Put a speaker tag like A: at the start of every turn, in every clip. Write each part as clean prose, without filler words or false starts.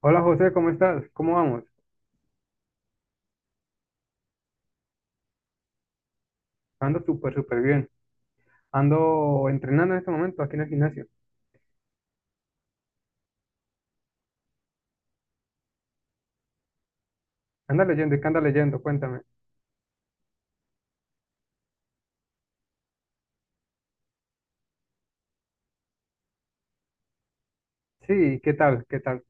A: Hola José, ¿cómo estás? ¿Cómo vamos? Ando súper, súper bien. Ando entrenando en este momento aquí en el gimnasio. Anda leyendo, ¿y qué anda leyendo? Cuéntame. Sí, ¿qué tal? ¿Qué tal?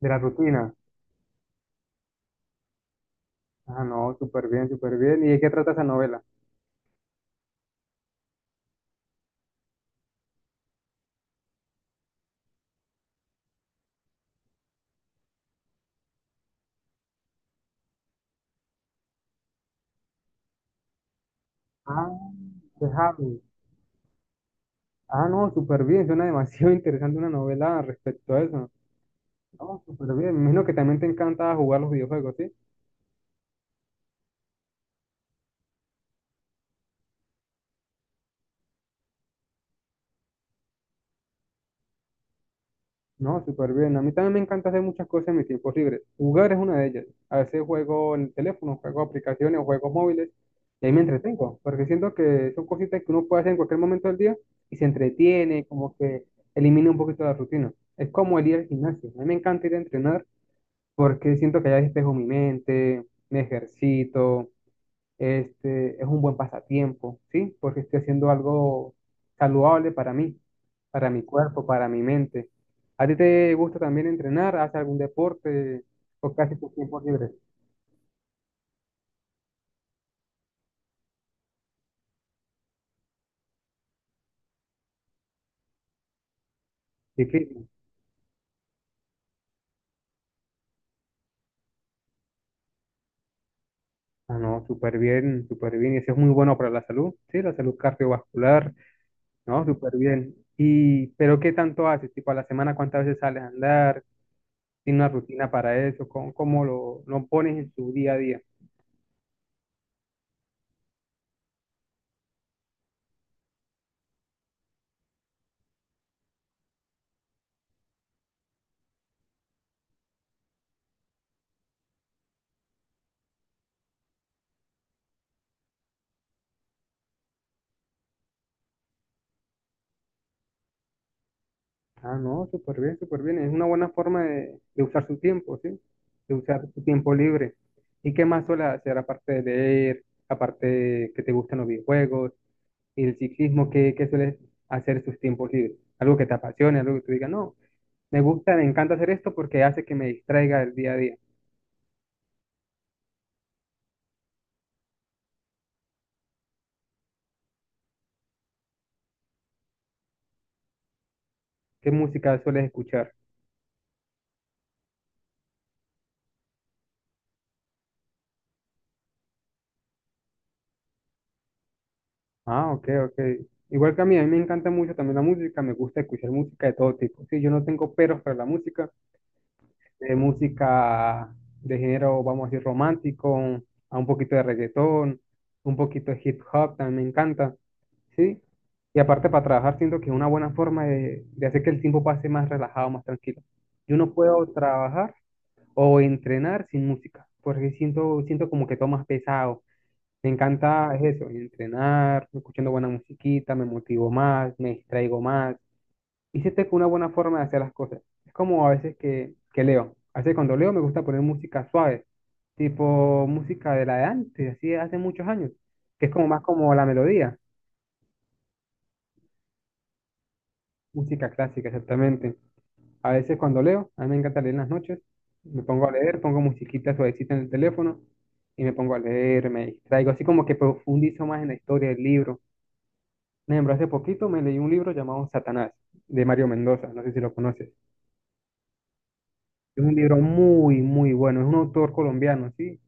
A: De la rutina. Ah, no, súper bien, súper bien. ¿Y de qué trata esa novela? Ah, de Harry. Ah, no, súper bien. Suena demasiado interesante una novela respecto a eso. No, súper bien. Me imagino que también te encanta jugar los videojuegos, ¿sí? No, súper bien. A mí también me encanta hacer muchas cosas en mis tiempos libres. Jugar es una de ellas. A veces juego en el teléfono, juego aplicaciones, juegos móviles, y ahí me entretengo, porque siento que son cositas que uno puede hacer en cualquier momento del día y se entretiene, como que elimina un poquito la rutina. Es como el ir al gimnasio. A mí me encanta ir a entrenar porque siento que allá despejo mi mente, me ejercito, es un buen pasatiempo, ¿sí? Porque estoy haciendo algo saludable para mí, para mi cuerpo, para mi mente. ¿A ti te gusta también entrenar? ¿Haces algún deporte o casi tus tiempos libres? Ciclismo. Ah, no, súper bien, súper bien. Y eso es muy bueno para la salud, ¿sí? La salud cardiovascular, ¿no? Súper bien. Y, pero ¿qué tanto haces? Tipo, a la semana, ¿cuántas veces sales a andar? ¿Tiene una rutina para eso? ¿Cómo, cómo lo pones en tu día a día? Ah, no, súper bien, súper bien. Es una buena forma de usar su tiempo, ¿sí? De usar su tiempo libre. ¿Y qué más suele hacer aparte de leer, aparte de que te gustan los videojuegos y el ciclismo? ¿Qué, qué sueles hacer en sus tiempos libres? Algo que te apasione, algo que tú digas, no, me gusta, me encanta hacer esto porque hace que me distraiga del día a día. ¿Qué música sueles escuchar? Ah, ok, ok. Igual que a mí me encanta mucho también la música, me gusta escuchar música de todo tipo. Sí, yo no tengo peros para la música. De música de género, vamos a decir, romántico, a un poquito de reggaetón, un poquito de hip hop, también me encanta, ¿sí? Y aparte para trabajar siento que es una buena forma de hacer que el tiempo pase más relajado, más tranquilo. Yo no puedo trabajar o entrenar sin música, porque siento, siento como que todo más pesado. Me encanta es eso, entrenar, escuchando buena musiquita, me motivo más, me distraigo más y siento que una buena forma de hacer las cosas. Es como a veces que leo. A veces cuando leo me gusta poner música suave, tipo música de la de antes, así de hace muchos años, que es como más como la melodía, música clásica exactamente. A veces cuando leo, a mí me encanta leer en las noches, me pongo a leer, pongo musiquita suavecita en el teléfono y me pongo a leer, me distraigo, así como que profundizo más en la historia del libro. Por ejemplo, hace poquito me leí un libro llamado Satanás, de Mario Mendoza, no sé si lo conoces. Es un libro muy, muy bueno. Es un autor colombiano, ¿sí?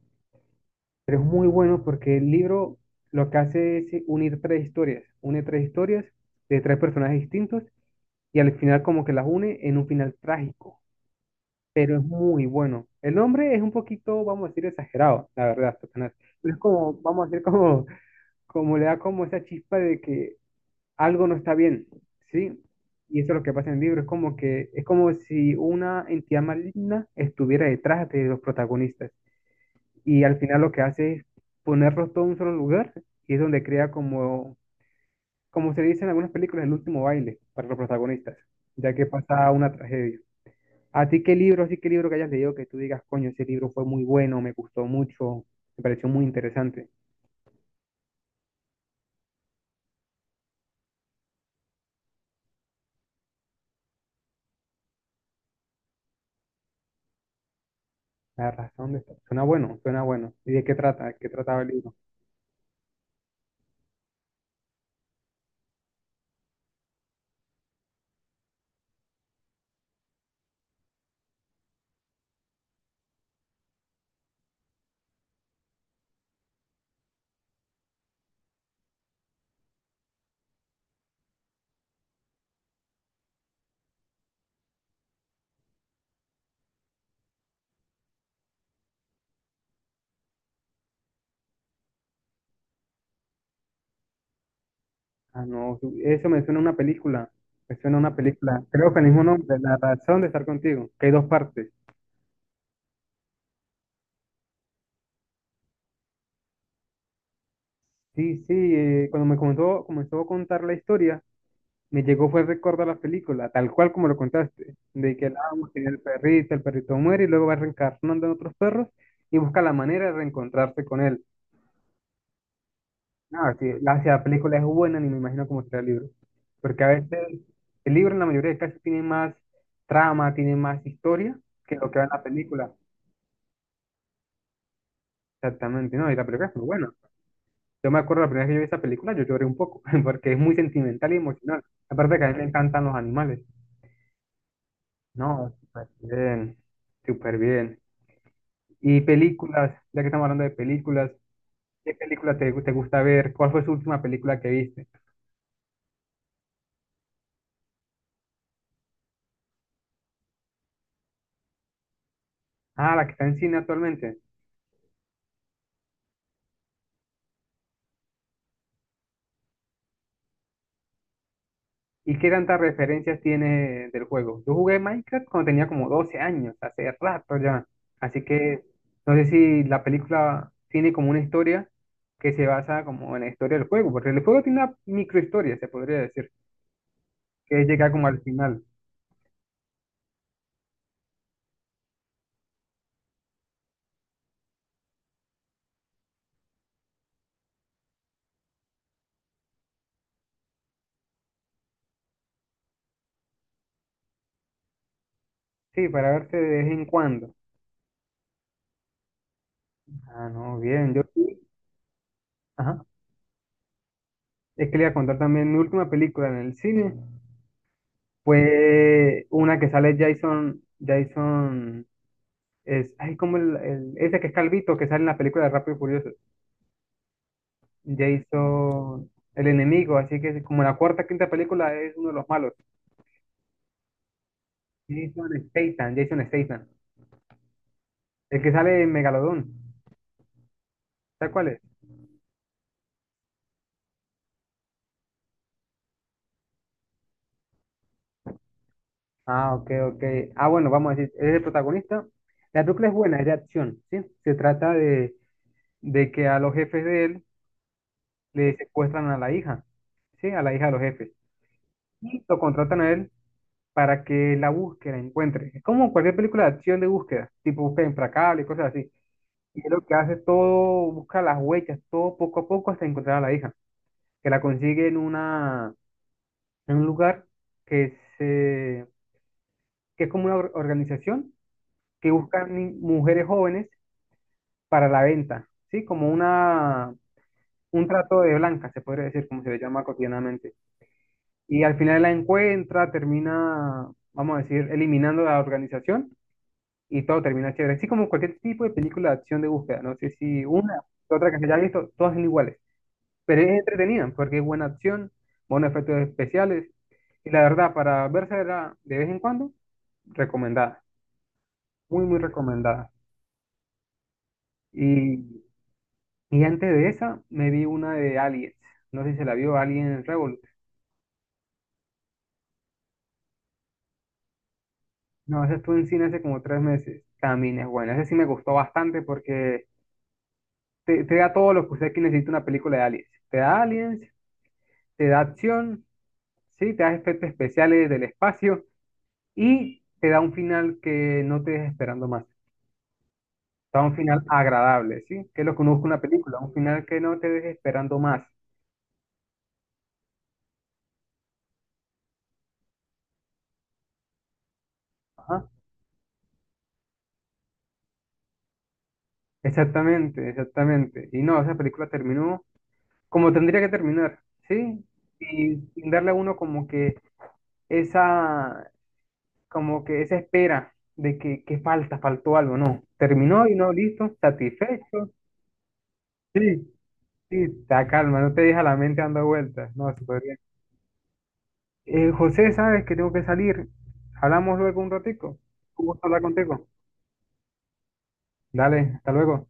A: Pero es muy bueno porque el libro lo que hace es unir tres historias. Une tres historias de tres personajes distintos y al final como que las une en un final trágico. Pero es muy bueno. El nombre es un poquito, vamos a decir, exagerado, la verdad, Satanás. Pero es como, vamos a decir, como, como le da como esa chispa de que algo no está bien, ¿sí? Y eso es lo que pasa en el libro. Es como que, es como si una entidad maligna estuviera detrás de los protagonistas, y al final lo que hace es ponerlos todo en un solo lugar y es donde crea como, como se dice en algunas películas, el último baile para los protagonistas, ya que pasa una tragedia. ¿A ti qué libro, así qué libro que hayas leído que tú digas, coño, ese libro fue muy bueno, me gustó mucho, me pareció muy interesante? La razón de estar. Suena bueno, suena bueno. ¿Y de qué trata? ¿De qué trataba el libro? Ah, no, eso me suena a una película. Me suena a una película. Creo que el mismo nombre, La razón de estar contigo, que hay dos partes. Sí, sí, cuando me comenzó a contar la historia, me llegó fue el recuerdo a la película, tal cual como lo contaste, de que el amo tiene el perrito muere y luego va reencarnando en otros perros y busca la manera de reencontrarse con él. No, sí, la, si la película es buena, ni me imagino cómo será el libro. Porque a veces el libro en la mayoría de casos tiene más trama, tiene más historia que lo que va en la película. Exactamente, no, y la película es muy buena. Yo me acuerdo la primera vez que yo vi esa película, yo lloré un poco, porque es muy sentimental y emocional. Aparte que a mí me encantan los animales. No, súper bien, súper bien. Y películas, ya que estamos hablando de películas, ¿qué película te, te gusta ver? ¿Cuál fue su última película que viste? Ah, la que está en cine actualmente. ¿Y qué tantas referencias tiene del juego? Yo jugué Minecraft cuando tenía como 12 años, hace rato ya. Así que no sé si la película tiene como una historia que se basa como en la historia del juego, porque el juego tiene una microhistoria, se podría decir, que es llegar como al final. Sí, para verse de vez en cuando. Ah, no, bien, yo sí. Ajá. Es que le iba a contar también mi última película en el cine. Fue una que sale Jason, Jason, es, ay, como el, ese que es calvito, que sale en la película de Rápido y Furioso, Jason, el enemigo, así que como la cuarta, quinta película es uno de los malos, Jason Statham, Jason Statham, el que sale en Megalodón, ¿sabes cuál es? Ah, ok, ok, ah, bueno, vamos a decir, es el protagonista, la película es buena, es de acción, ¿sí? Se trata de que a los jefes de él le secuestran a la hija, ¿sí? A la hija de los jefes, y lo contratan a él para que la búsqueda encuentre. Es como cualquier película de acción de búsqueda, tipo búsqueda implacable y cosas así. Y es lo que hace todo, busca las huellas, todo poco a poco hasta encontrar a la hija, que la consigue en una, en un lugar que se, que es como una organización que busca mujeres jóvenes para la venta, ¿sí? Como una, un trato de blanca, se podría decir, como se le llama cotidianamente. Y al final la encuentra, termina, vamos a decir, eliminando la organización y todo termina chévere. Así como cualquier tipo de película de acción de búsqueda, no sé si una o otra que se haya visto, todas son iguales, pero es entretenida porque es buena acción, buenos efectos especiales y la verdad, para verse de vez en cuando, recomendada, muy, muy recomendada. Y, y antes de esa, me vi una de Aliens, no sé si se la vio Alien Revolution. No, esa estuvo en cine hace como 3 meses. También es buena. Esa sí me gustó bastante porque te da todo lo que usted que necesita una película de Aliens. Te da Aliens, te da acción, sí, te da efectos especiales del espacio y te da un final que no te dejes esperando más. Te da un final agradable, ¿sí? Que es lo que uno busca en una película, un final que no te deje esperando más. Ajá. Exactamente, exactamente. Y no, esa película terminó como tendría que terminar, ¿sí? Y sin darle a uno esa, como que esa espera de que falta, faltó algo, no. Terminó y no, listo, satisfecho. Sí, sí, te calma, no te deja la mente dando vueltas. No, súper bien. José, sabes que tengo que salir. Hablamos luego un ratico. Un gusto hablar contigo. Dale, hasta luego.